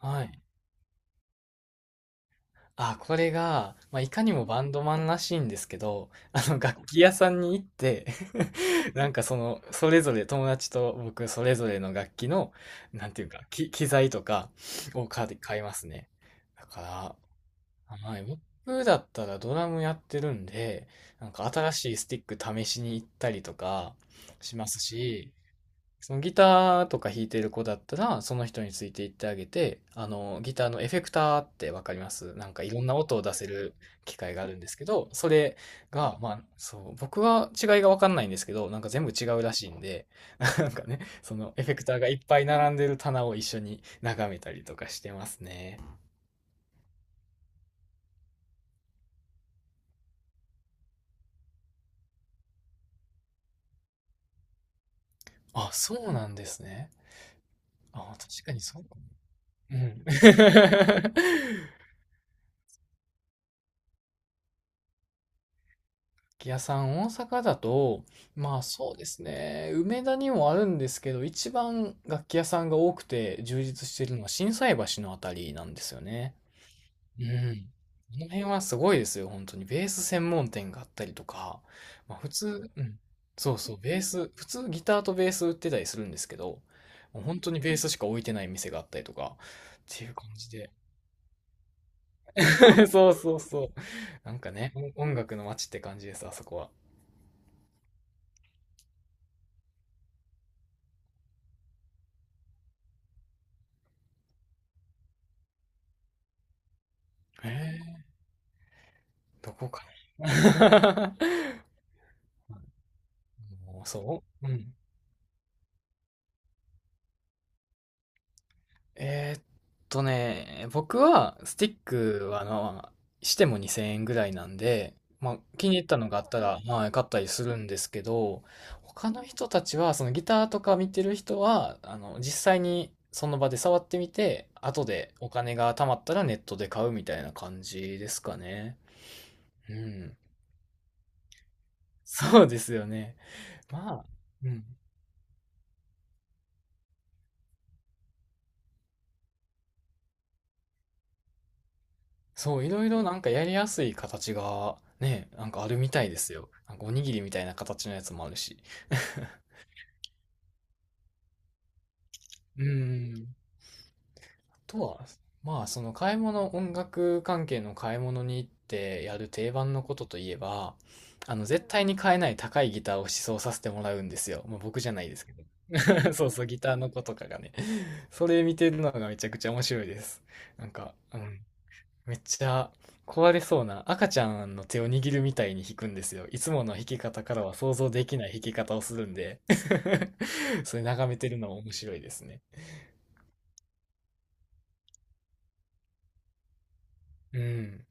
はい。あ、これが、まあ、いかにもバンドマンらしいんですけど、楽器屋さんに行って なんかその、それぞれ友達と僕それぞれの楽器の、なんていうか、機材とかを買いますね。だから、はい、僕だったらドラムやってるんで、なんか新しいスティック試しに行ったりとかしますし、そのギターとか弾いてる子だったら、その人について行ってあげて、ギターのエフェクターってわかります？なんかいろんな音を出せる機械があるんですけど、それが、まあ、そう、僕は違いがわかんないんですけど、なんか全部違うらしいんで、なんかね、そのエフェクターがいっぱい並んでる棚を一緒に眺めたりとかしてますね。あ、そうなんですね。あ、確かにそう、うん。楽器屋さん、大阪だと、まあそうですね、梅田にもあるんですけど、一番楽器屋さんが多くて充実してるのは心斎橋のあたりなんですよね。うん。この辺はすごいですよ、本当に。ベース専門店があったりとか、まあ普通、うん。そうそう、ベース、普通ギターとベース売ってたりするんですけど、もう本当にベースしか置いてない店があったりとか、っていう感じで。そうそうそう。なんかね、音楽の街って感じです、あそこは。へえ。どこかな。 もうそう。うん。えーっ僕はスティックはあの、しても2000円ぐらいなんで、まあ、気に入ったのがあったら、まあ、買ったりするんですけど、他の人たちは、そのギターとか見てる人は、あの、実際にその場で触ってみて、後でお金が貯まったらネットで買うみたいな感じですかね。うん。そうですよね。まあ、うん。そう、いろいろなんかやりやすい形がね、なんかあるみたいですよ。なんかおにぎりみたいな形のやつもあるし。うーん。あとは、まあその買い物、音楽関係の買い物に行ってやる定番のことといえば、あの絶対に買えない高いギターを試奏させてもらうんですよ。まあ僕じゃないですけど。そうそう、ギターの子とかがね。それ見てるのがめちゃくちゃ面白いです。なんか、うん。めっちゃ壊れそうな赤ちゃんの手を握るみたいに弾くんですよ。いつもの弾き方からは想像できない弾き方をするんで それ眺めてるのも面白いですね。うん。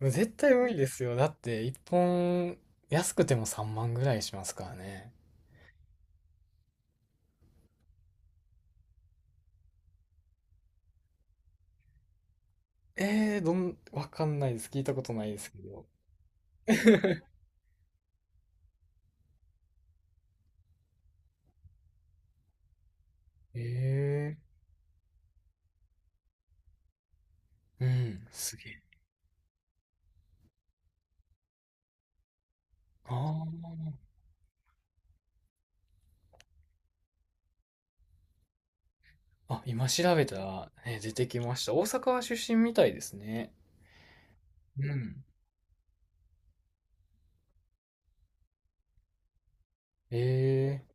もう絶対無理ですよ。だって1本安くても3万ぐらいしますからね。わかんないです。聞いたことないですけど。えー、うん、すげえ。ああ。あ、今調べたら、ね、出てきました。大阪出身みたいですね。うん。ええ、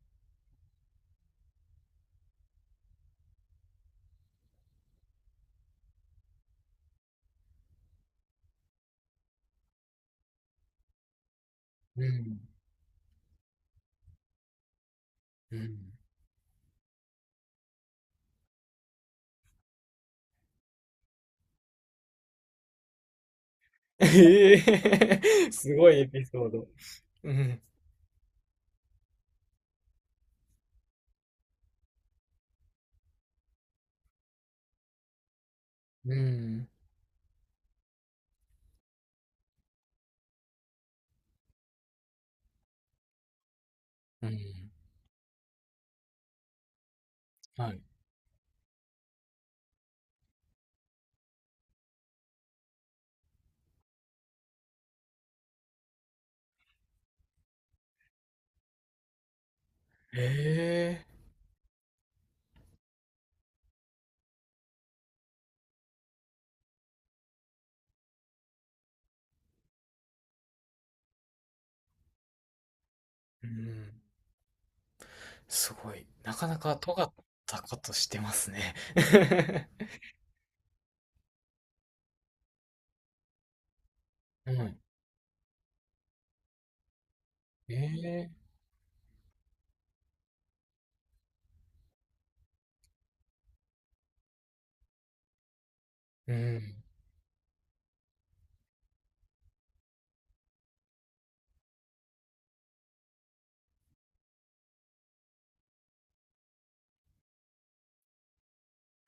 うん、うん、ええ。 すごいエピソード。うん。うん、うん、はい。ええ、うん、すごい。なかなか尖ったことしてますね。はい。ええ。うん。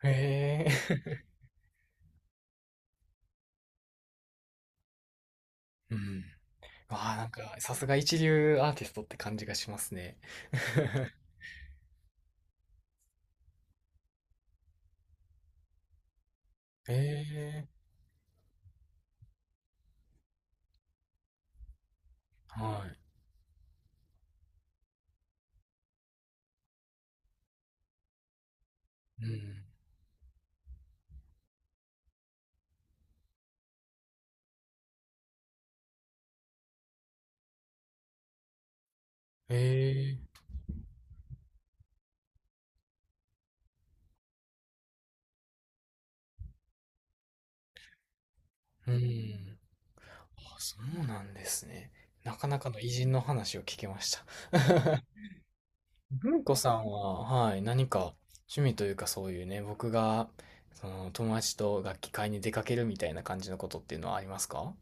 え。うん。わあ、なんか、さすが一流アーティストって感じがしますね。ええ、はい。うん。ええ、うん。あ、そうなんですね。なかなかの偉人の話を聞けました。文子さんは、はい、何か趣味というかそういうね、僕が、その友達と楽器買いに出かけるみたいな感じのことっていうのはありますか？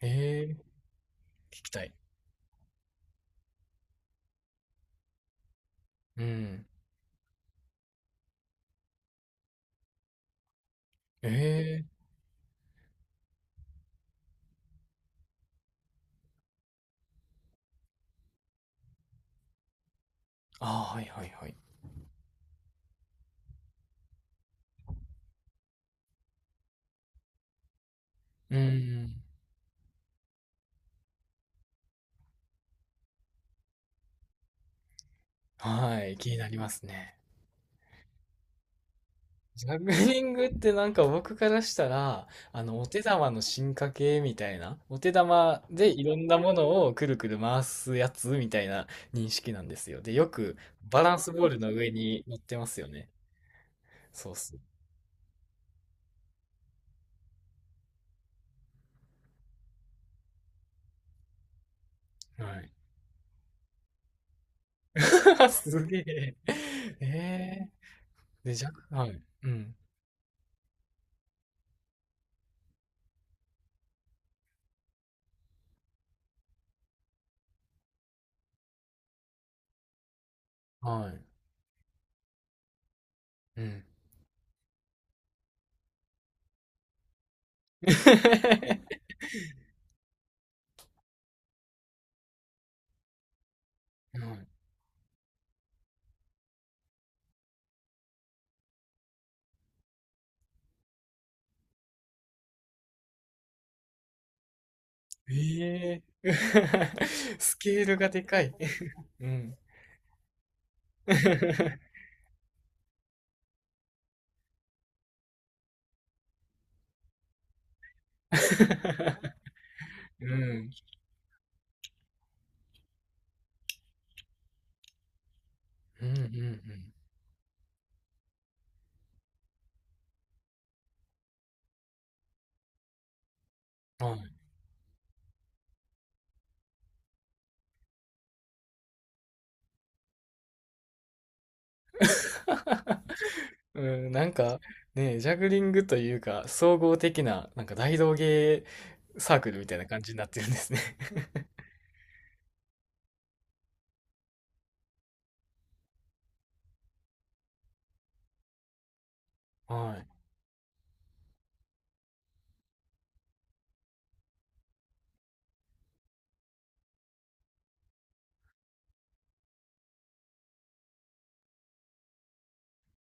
ええー、聞きたい。うん。ええー、ああ、はいはいはい。うん。はい、気になりますね。ジャグリングってなんか僕からしたら、あの、お手玉の進化系みたいな、お手玉でいろんなものをくるくる回すやつみたいな認識なんですよ。で、よくバランスボールの上に乗ってますよね。そうっす。はい。すげえ。えー、で、ジャグ、はい。うん。はい。うん。はい。ええー。 スケールがでかい。うん。うん。うんうんうん。はい。うん、なんかね、ジャグリングというか、総合的な、なんか大道芸サークルみたいな感じになってるんですね。は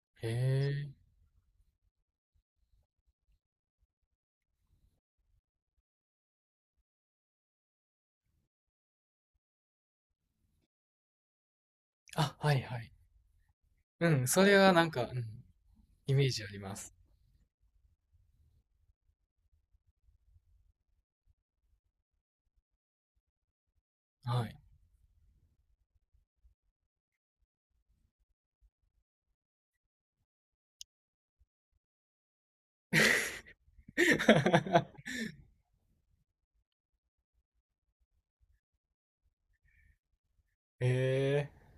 い。へえ。あ、はいはい。うん、それはなんか、うん、イメージあります。はい。へえ。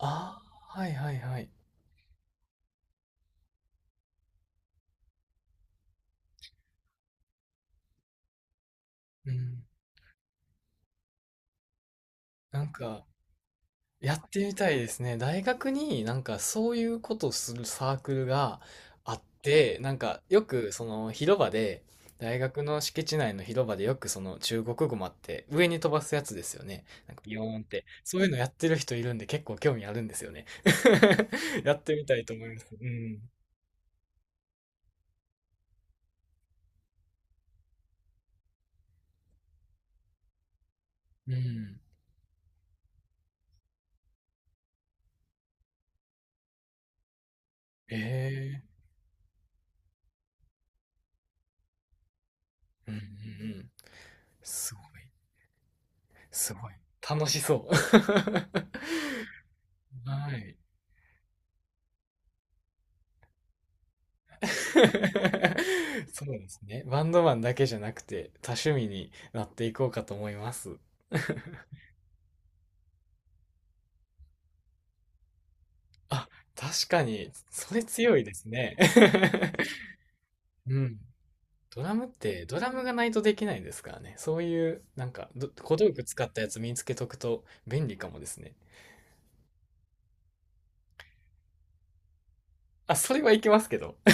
ああ、はいはいはい。うん。なんか、やってみたいですね。大学になんかそういうことをするサークルがあって、なんかよくその広場で、大学の敷地内の広場でよくその中国語もあって上に飛ばすやつですよね。なんかビヨーンって。そういうのやってる人いるんで結構興味あるんですよね。やってみたいと思います。うん。うん。ええ、うんうんうん。すごい。すごい。楽しそう。はい。そうですね。バンドマンだけじゃなくて、多趣味になっていこうかと思います。あ、確かに、それ強いですね。うん。ドラムって、ドラムがないとできないですからね。そういう、なんか、ど小道具使ったやつ身につけとくと便利かもですね。あ、それはいけますけど。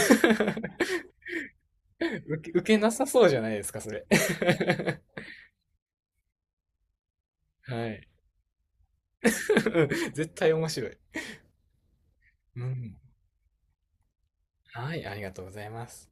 受け、受けなさそうじゃないですか、それ。はい。絶対面白い。うん。はい、ありがとうございます。